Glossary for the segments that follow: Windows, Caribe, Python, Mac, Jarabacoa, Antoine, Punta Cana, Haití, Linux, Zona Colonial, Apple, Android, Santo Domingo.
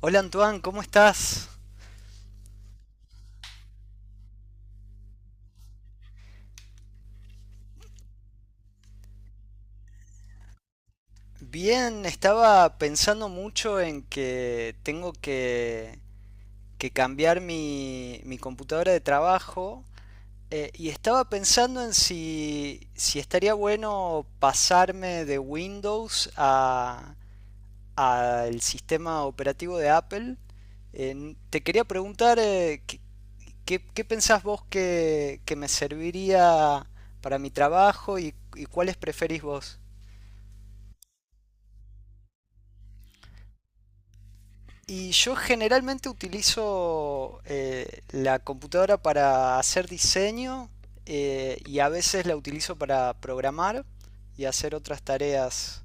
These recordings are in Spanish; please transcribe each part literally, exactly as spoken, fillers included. Hola, Antoine, ¿cómo estás? Bien, estaba pensando mucho en que tengo que, que cambiar mi, mi computadora de trabajo eh, y estaba pensando en si, si estaría bueno pasarme de Windows a, al sistema operativo de Apple. Eh, te quería preguntar eh, ¿qué, qué- qué pensás vos que, que me serviría para mi trabajo y, y cuáles preferís vos? Y yo generalmente utilizo eh, la computadora para hacer diseño, eh, y a veces la utilizo para programar y hacer otras tareas.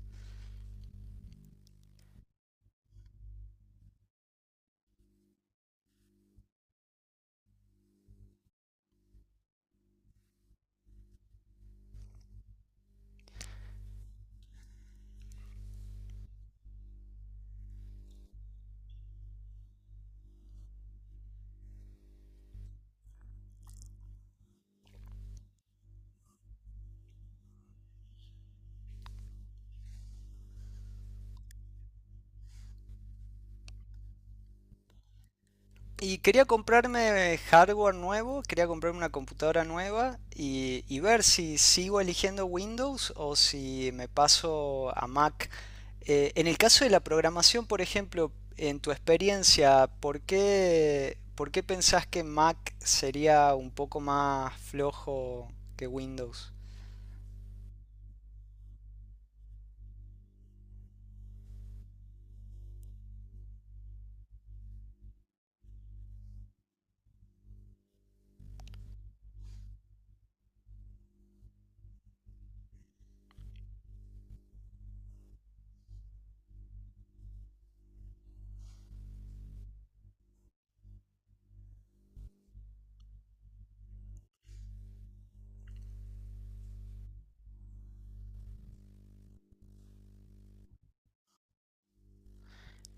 Y quería comprarme hardware nuevo, quería comprarme una computadora nueva y, y ver si sigo eligiendo Windows o si me paso a Mac. Eh, en el caso de la programación, por ejemplo, en tu experiencia, ¿por qué, por qué pensás que Mac sería un poco más flojo que Windows?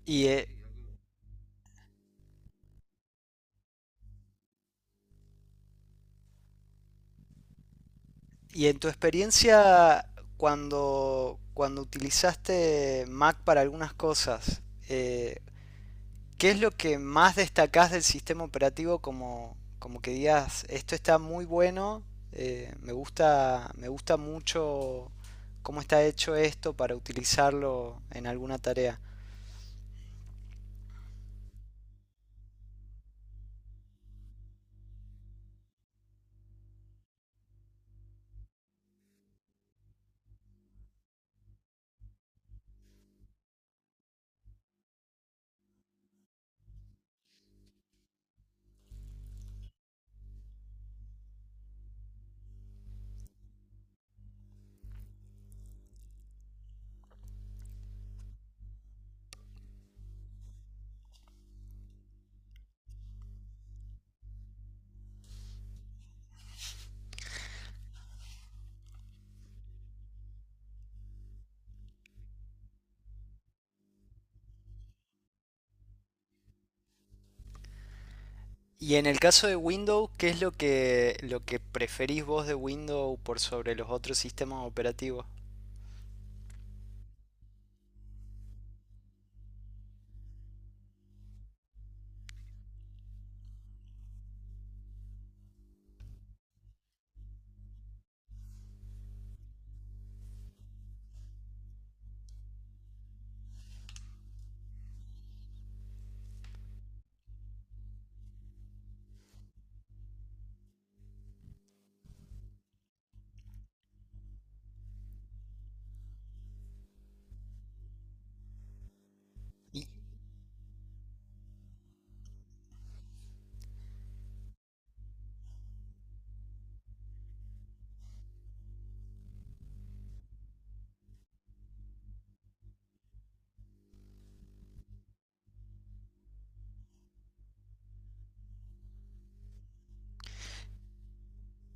Y, eh, y en tu experiencia, cuando, cuando utilizaste Mac para algunas cosas, eh, ¿qué es lo que más destacás del sistema operativo? Como como que digas, esto está muy bueno, eh, me gusta, me gusta mucho cómo está hecho esto para utilizarlo en alguna tarea. Y en el caso de Windows, ¿qué es lo que, lo que preferís vos de Windows por sobre los otros sistemas operativos? Y,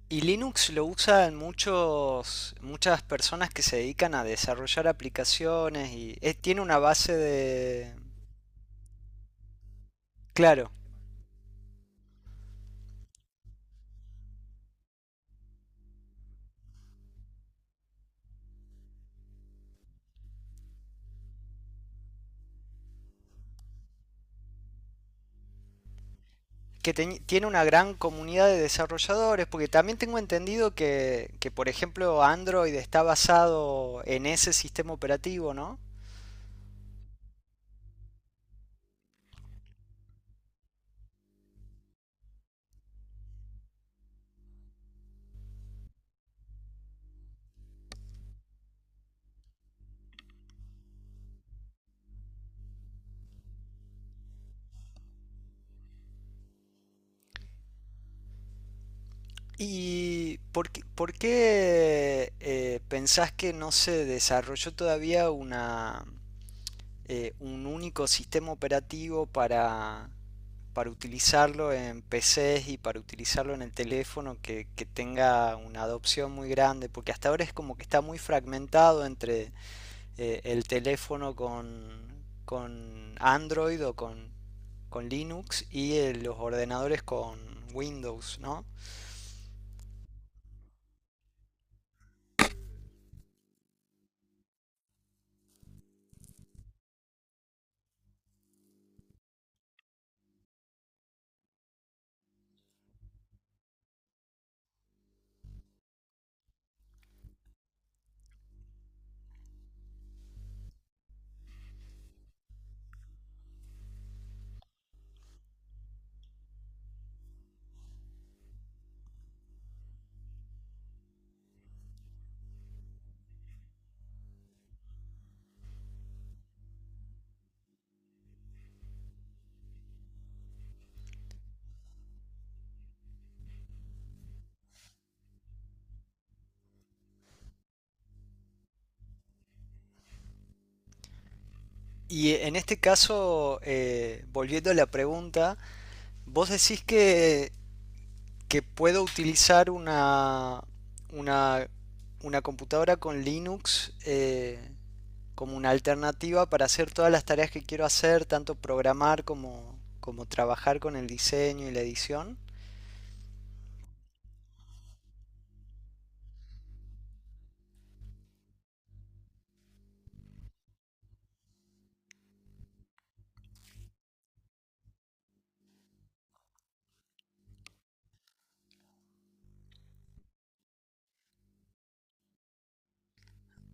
y Linux lo usan muchos, muchas personas que se dedican a desarrollar aplicaciones y, eh, tiene una base de... Claro, que te- tiene una gran comunidad de desarrolladores, porque también tengo entendido que, que, por ejemplo, Android está basado en ese sistema operativo, ¿no? ¿Y por qué, por qué, eh, pensás que no se desarrolló todavía una, eh, un único sistema operativo para, para utilizarlo en P C s y para utilizarlo en el teléfono, que, que tenga una adopción muy grande? Porque hasta ahora es como que está muy fragmentado entre eh, el teléfono con, con Android o con, con Linux y eh, los ordenadores con Windows, ¿no? Y eh, en este caso, eh, volviendo a la pregunta, vos decís que, que puedo utilizar una, una, una computadora con Linux, eh, como una alternativa para hacer todas las tareas que quiero hacer, tanto programar como, como trabajar con el diseño y la edición.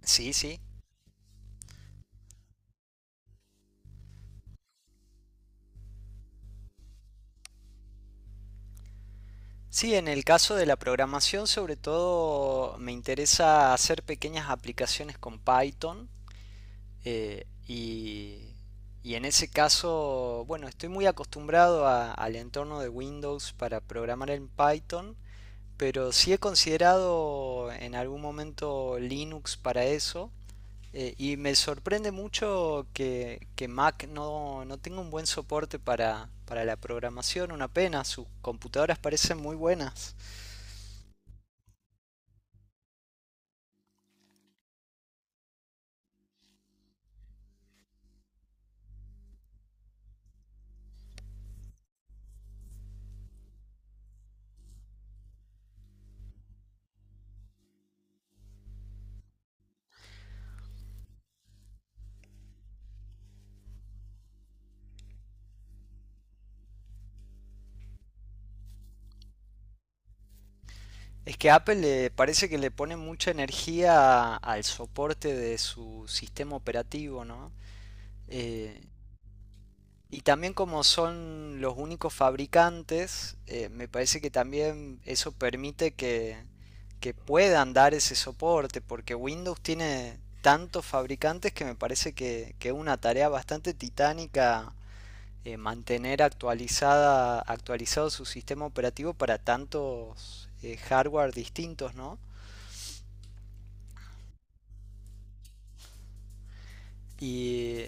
Sí, sí. Sí, en el caso de la programación, sobre todo me interesa hacer pequeñas aplicaciones con Python, eh, y, y en ese caso, bueno, estoy muy acostumbrado a- al entorno de Windows para programar en Python, pero sí he considerado en algún momento Linux para eso. Eh, y me sorprende mucho que, que Mac no, no tenga un buen soporte para, para la programación, una pena, sus computadoras parecen muy buenas. Es que Apple le parece que le pone mucha energía al soporte de su sistema operativo, ¿no? Eh, y también como son los únicos fabricantes, eh, me parece que también eso permite que, que puedan dar ese soporte, porque Windows tiene tantos fabricantes que me parece que, que es una tarea bastante titánica, eh, mantener actualizada, actualizado su sistema operativo para tantos eh, hardware distintos, ¿no? Y,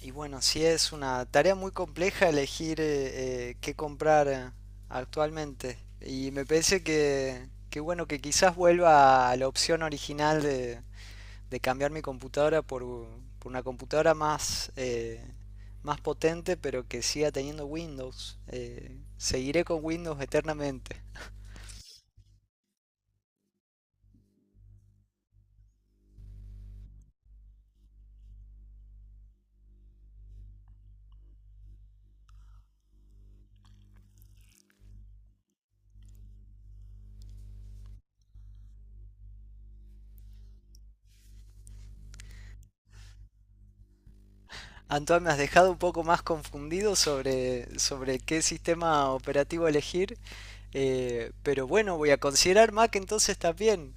y bueno, sí es una tarea muy compleja elegir eh, eh, qué comprar, eh, actualmente. Y me parece que, que bueno, que quizás vuelva a la opción original de, de cambiar mi computadora por, por una computadora más, eh, más potente, pero que siga teniendo Windows. Eh, seguiré con Windows eternamente. Antoine, me has dejado un poco más confundido sobre, sobre qué sistema operativo elegir. Eh, pero bueno, voy a considerar Mac entonces también.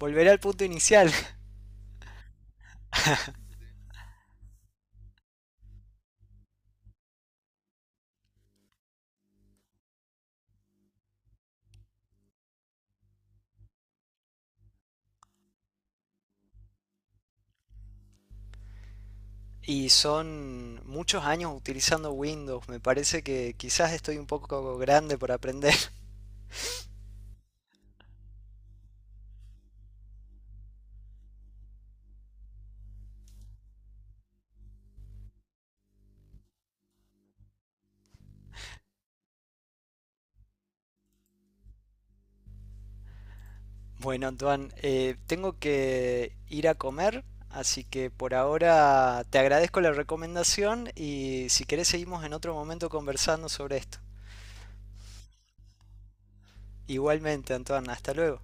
Volveré al punto inicial. Y son muchos años utilizando Windows. Me parece que quizás estoy un poco grande por aprender. Bueno, Antoine, eh, tengo que ir a comer. Así que por ahora te agradezco la recomendación y si querés seguimos en otro momento conversando sobre esto. Igualmente, Antoine, hasta luego.